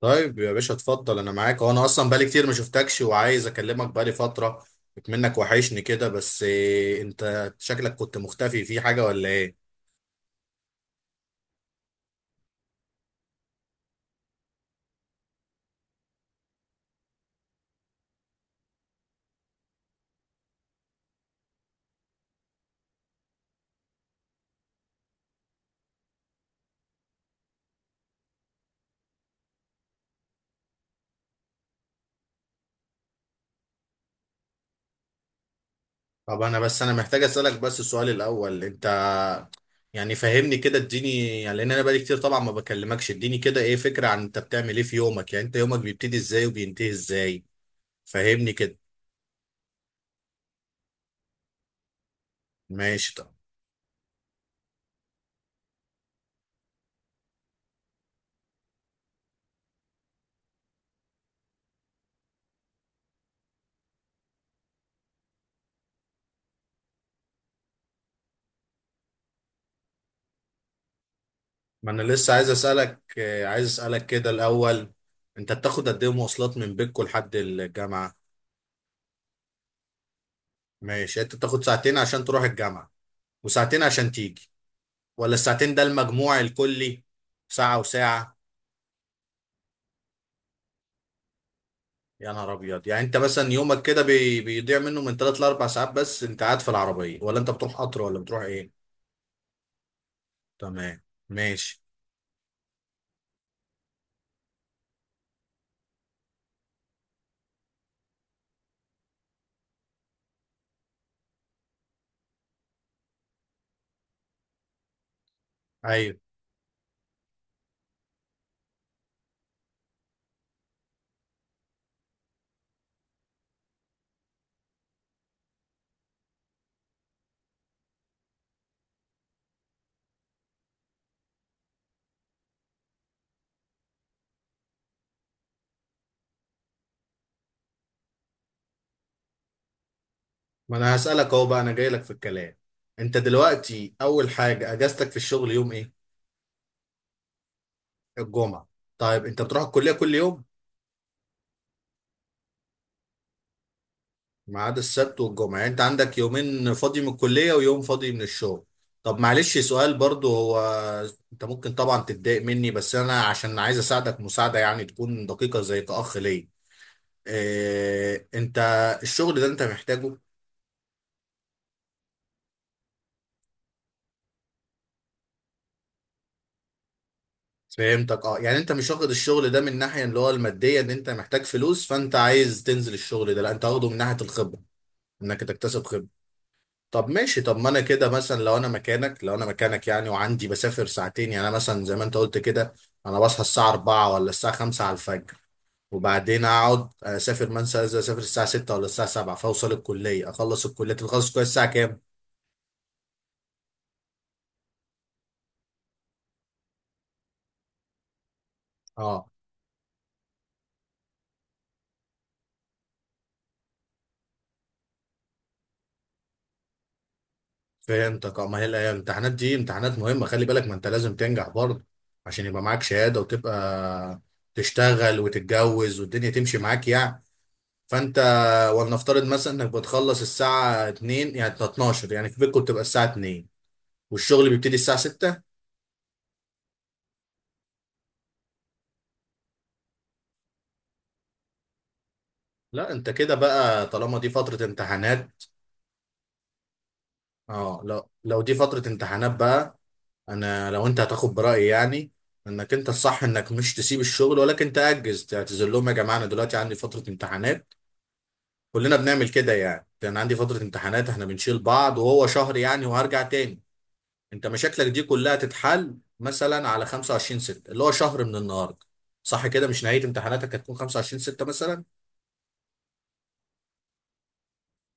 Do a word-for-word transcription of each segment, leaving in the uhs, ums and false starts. طيب يا باشا اتفضل انا معاك وانا اصلا بقالي كتير ما شفتكش وعايز اكلمك بقالي فترة منك وحشني كده. بس إيه، انت شكلك كنت مختفي في حاجة ولا ايه؟ طب انا بس انا محتاج اسألك بس. السؤال الاول انت يعني فهمني كده، اديني يعني لان انا بقالي كتير طبعا ما بكلمكش، اديني كده ايه فكرة عن انت بتعمل ايه في يومك. يعني انت يومك بيبتدي ازاي وبينتهي ازاي؟ فهمني كده. ماشي، طب ما انا لسه عايز اسألك، آه، عايز اسألك كده الاول، انت بتاخد قد ايه مواصلات من بيتكو لحد الجامعة؟ ماشي، انت بتاخد ساعتين عشان تروح الجامعة وساعتين عشان تيجي، ولا الساعتين ده المجموع الكلي، ساعة وساعة؟ يا نهار ابيض، يعني انت مثلا يومك كده بي... بيضيع منه من ثلاث لاربع ساعات. بس انت قاعد في العربية ولا انت بتروح قطر ولا بتروح ايه؟ تمام، ماشي. ايوه، ما انا هسألك اهو بقى، انا جاي لك في الكلام. انت دلوقتي اول حاجة اجازتك في الشغل يوم ايه؟ الجمعة. طيب، انت بتروح الكلية كل يوم ما عدا السبت والجمعة؟ يعني انت عندك يومين فاضي من الكلية ويوم فاضي من الشغل. طب معلش سؤال برضو، هو انت ممكن طبعا تتضايق مني بس انا عشان عايز اساعدك مساعدة يعني تكون دقيقة زي كأخ ليا. اه، انت الشغل ده انت محتاجه؟ فهمتك، اه يعني انت مش واخد الشغل ده من الناحية اللي هو المادية ان انت محتاج فلوس فانت عايز تنزل الشغل ده، لا انت واخده من ناحية الخبرة، انك تكتسب خبرة. طب ماشي، طب ما انا كده مثلا لو انا مكانك، لو انا مكانك يعني وعندي بسافر ساعتين، يعني انا مثلا زي ما انت قلت كده، انا بصحى الساعة أربعة ولا الساعة خمسة على الفجر، وبعدين اقعد اسافر، مثلا إذا اسافر الساعة ستة ولا الساعة سبعة، فاوصل الكلية. اخلص الكلية، تخلص الكلية الساعة كام؟ اه، فهمتك. اه، ما هي الأيام- الامتحانات دي امتحانات مهمة خلي بالك، ما انت لازم تنجح برضه عشان يبقى معاك شهادة وتبقى تشتغل وتتجوز والدنيا تمشي معاك يعني. فانت ولنفترض مثلا انك بتخلص الساعة اثنين، يعني اتناشر يعني في بيتكم بتبقى الساعة اتنين، والشغل بيبتدي الساعة ستة. لا، انت كده بقى طالما دي فترة امتحانات، اه لو لو دي فترة امتحانات بقى، انا لو انت هتاخد برأيي يعني، انك انت الصح انك مش تسيب الشغل ولكن تأجز، تعتذر لهم يا جماعة انا دلوقتي عندي فترة امتحانات. كلنا بنعمل كده يعني، انا عندي فترة امتحانات احنا بنشيل بعض وهو شهر يعني وهرجع تاني. انت مشاكلك دي كلها تتحل مثلا على خمسة وعشرين ستة اللي هو شهر من النهارده. صح كده، مش نهايه امتحاناتك هتكون خمسة وعشرين ستة مثلا؟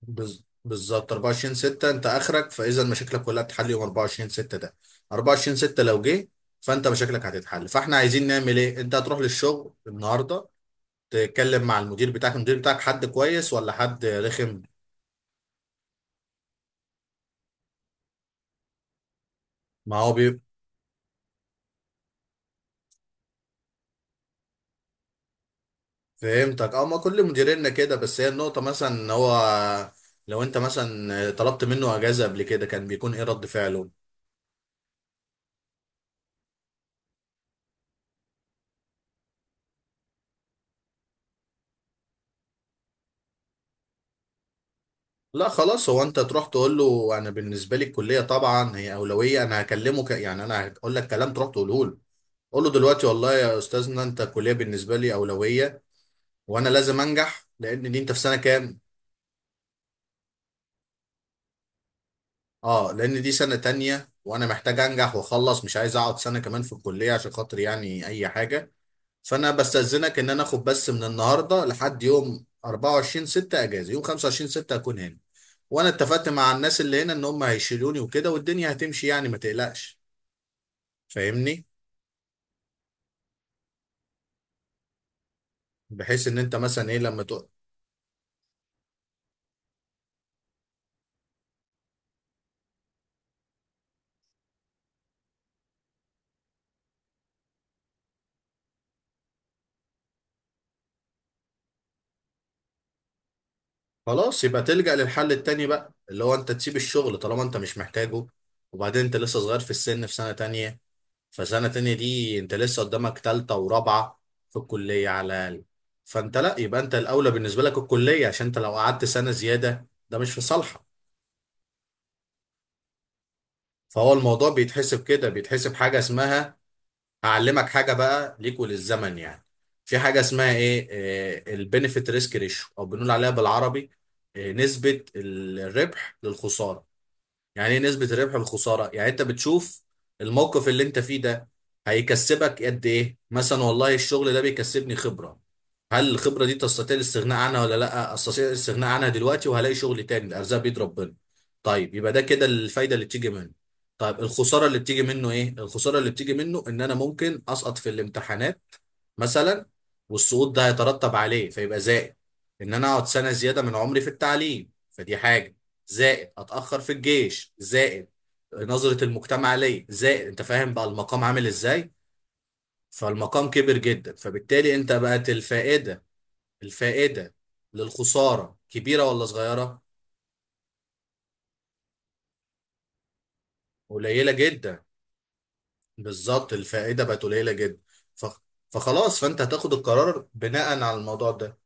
بز- بالظبط اربعة وعشرين ستة انت اخرك، فاذا مشاكلك كلها بتتحل يوم اربعة وعشرين ستة ده. اربعة وعشرين ستة لو جه، فانت مشاكلك هتتحل، فاحنا عايزين نعمل ايه؟ انت هتروح للشغل النهارده تتكلم مع المدير بتاعك. المدير بتاعك حد كويس ولا حد رخم؟ ما هو بي... فهمتك، اه ما كل مديريننا كده. بس هي النقطة مثلا ان هو لو انت مثلا طلبت منه اجازة قبل كده كان بيكون ايه رد فعله؟ لا خلاص، هو انت تروح تقول له انا بالنسبة لي الكلية طبعا هي اولوية. انا هكلمه ك... يعني انا هقول لك كلام تروح تقوله له. قول له دلوقتي والله يا استاذنا انت، الكلية بالنسبة لي اولوية، وانا لازم انجح لان دي، انت في سنة كام؟ اه، لان دي سنة تانية وانا محتاج انجح واخلص، مش عايز اقعد سنة كمان في الكلية عشان خاطر يعني اي حاجة. فانا بستأذنك ان انا اخد بس من النهارده لحد يوم اربعة وعشرين ستة اجازه، يوم خمسة وعشرين ستة اكون هنا. وانا اتفقت مع الناس اللي هنا ان هم هيشيلوني وكده، والدنيا هتمشي يعني ما تقلقش. فاهمني، بحيث ان انت مثلا ايه لما تقول. خلاص، يبقى تلجأ للحل التاني بقى اللي هو انت تسيب الشغل طالما انت مش محتاجه. وبعدين انت لسه صغير في السن، في سنة تانية، فسنة تانية دي انت لسه قدامك تالتة ورابعة في الكلية على الأقل. فانت لا، يبقى انت الأولى بالنسبة لك الكلية، عشان انت لو قعدت سنة زيادة ده مش في صالحك. فهو الموضوع بيتحسب كده، بيتحسب حاجة اسمها، هعلمك حاجة بقى ليك وللزمن يعني. في حاجة اسمها ايه، البنفيت ريسك ريشيو، او بنقول عليها بالعربي آه، نسبة الربح للخسارة. يعني ايه نسبة الربح والخسارة؟ يعني انت بتشوف الموقف اللي انت فيه ده هيكسبك قد ايه، مثلا والله الشغل ده بيكسبني خبرة، هل الخبرة دي تستطيع الاستغناء عنها ولا لا استطيع الاستغناء عنها دلوقتي وهلاقي شغل تاني، الارزاق بيد ربنا. طيب يبقى ده كده الفايدة اللي بتيجي منه. طيب الخسارة اللي بتيجي منه، ايه الخسارة اللي بتيجي منه؟ ان انا ممكن اسقط في الامتحانات مثلا، والسقوط ده هيترتب عليه، فيبقى زائد ان انا اقعد سنة زيادة من عمري في التعليم، فدي حاجة، زائد اتاخر في الجيش، زائد نظره المجتمع ليا، زائد انت فاهم بقى المقام عامل ازاي. فالمقام كبر جدا، فبالتالي انت بقت الفائده، الفائده للخساره كبيره ولا صغيره؟ قليله جدا، بالظبط الفائده بقت قليله جدا. ف- فخلاص، فانت هتاخد القرار بناء على الموضوع ده.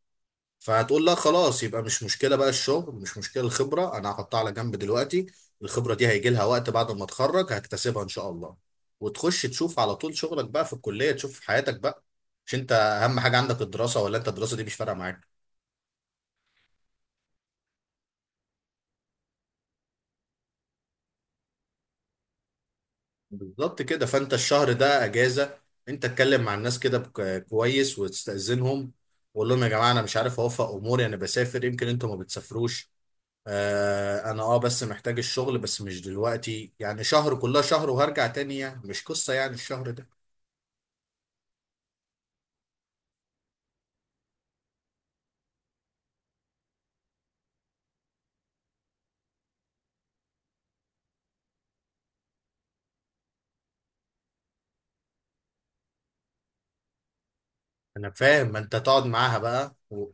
فهتقول لا خلاص، يبقى مش مشكله بقى الشغل، مش مشكله الخبره، انا هحطها على جنب دلوقتي. الخبره دي هيجي لها وقت بعد ما اتخرج هكتسبها ان شاء الله. وتخش تشوف على طول شغلك بقى في الكليه، تشوف حياتك بقى. مش انت اهم حاجه عندك الدراسه، ولا انت الدراسه دي مش فارقه معاك؟ بالظبط كده. فانت الشهر ده اجازه. انت اتكلم مع الناس كده بك- كويس وتستاذنهم، وقول لهم يا جماعه انا مش عارف اوفق اموري، انا بسافر، يمكن انتوا ما بتسافروش. آه انا اه، بس محتاج الشغل بس مش دلوقتي يعني، شهر كلها شهر وهرجع تاني يعني، مش قصة يعني الشهر ده. انا فاهم، ما انت تقعد معاها بقى و...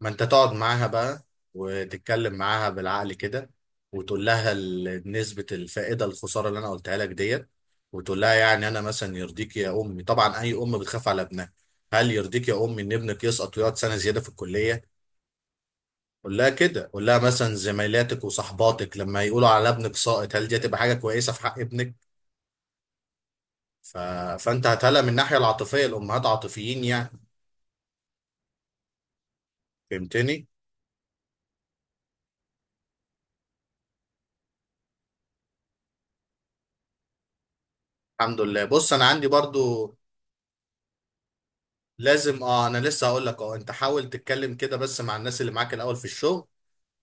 ما انت تقعد معاها بقى وتتكلم معاها بالعقل كده. وتقول لها ال- نسبة الفائدة الخسارة اللي انا قلتها لك ديت. وتقول لها يعني انا مثلا، يرضيك يا امي؟ طبعا اي ام بتخاف على ابنها. هل يرضيك يا امي ان ابنك يسقط ويقعد سنة زيادة في الكلية؟ قول لها كده، قول لها مثلا زميلاتك وصحباتك لما يقولوا على ابنك ساقط هل دي هتبقى حاجه كويسه في حق ابنك؟ ف... فانت هتهلا من الناحيه العاطفيه، الامهات عاطفيين يعني، فهمتني. الحمد لله، بص انا عندي برضو لازم، اه انا لسه هقول لك، اه انت حاول تتكلم كده بس مع الناس اللي معاك الاول في الشغل،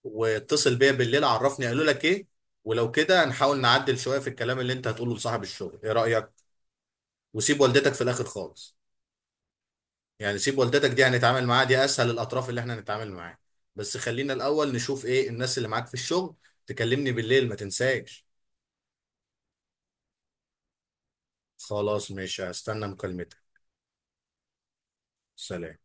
واتصل بيا بالليل عرفني قالوا لك ايه، ولو كده هنحاول نعدل شويه في الكلام اللي انت هتقوله لصاحب الشغل، ايه رايك؟ وسيب والدتك في الاخر خالص، يعني سيب والدتك دي هنتعامل معاها، دي اسهل الاطراف اللي احنا هنتعامل معاها. بس خلينا الاول نشوف ايه الناس اللي معاك في الشغل. تكلمني بالليل ما تنساش. خلاص ماشي، هستنى مكالمتك. سلام.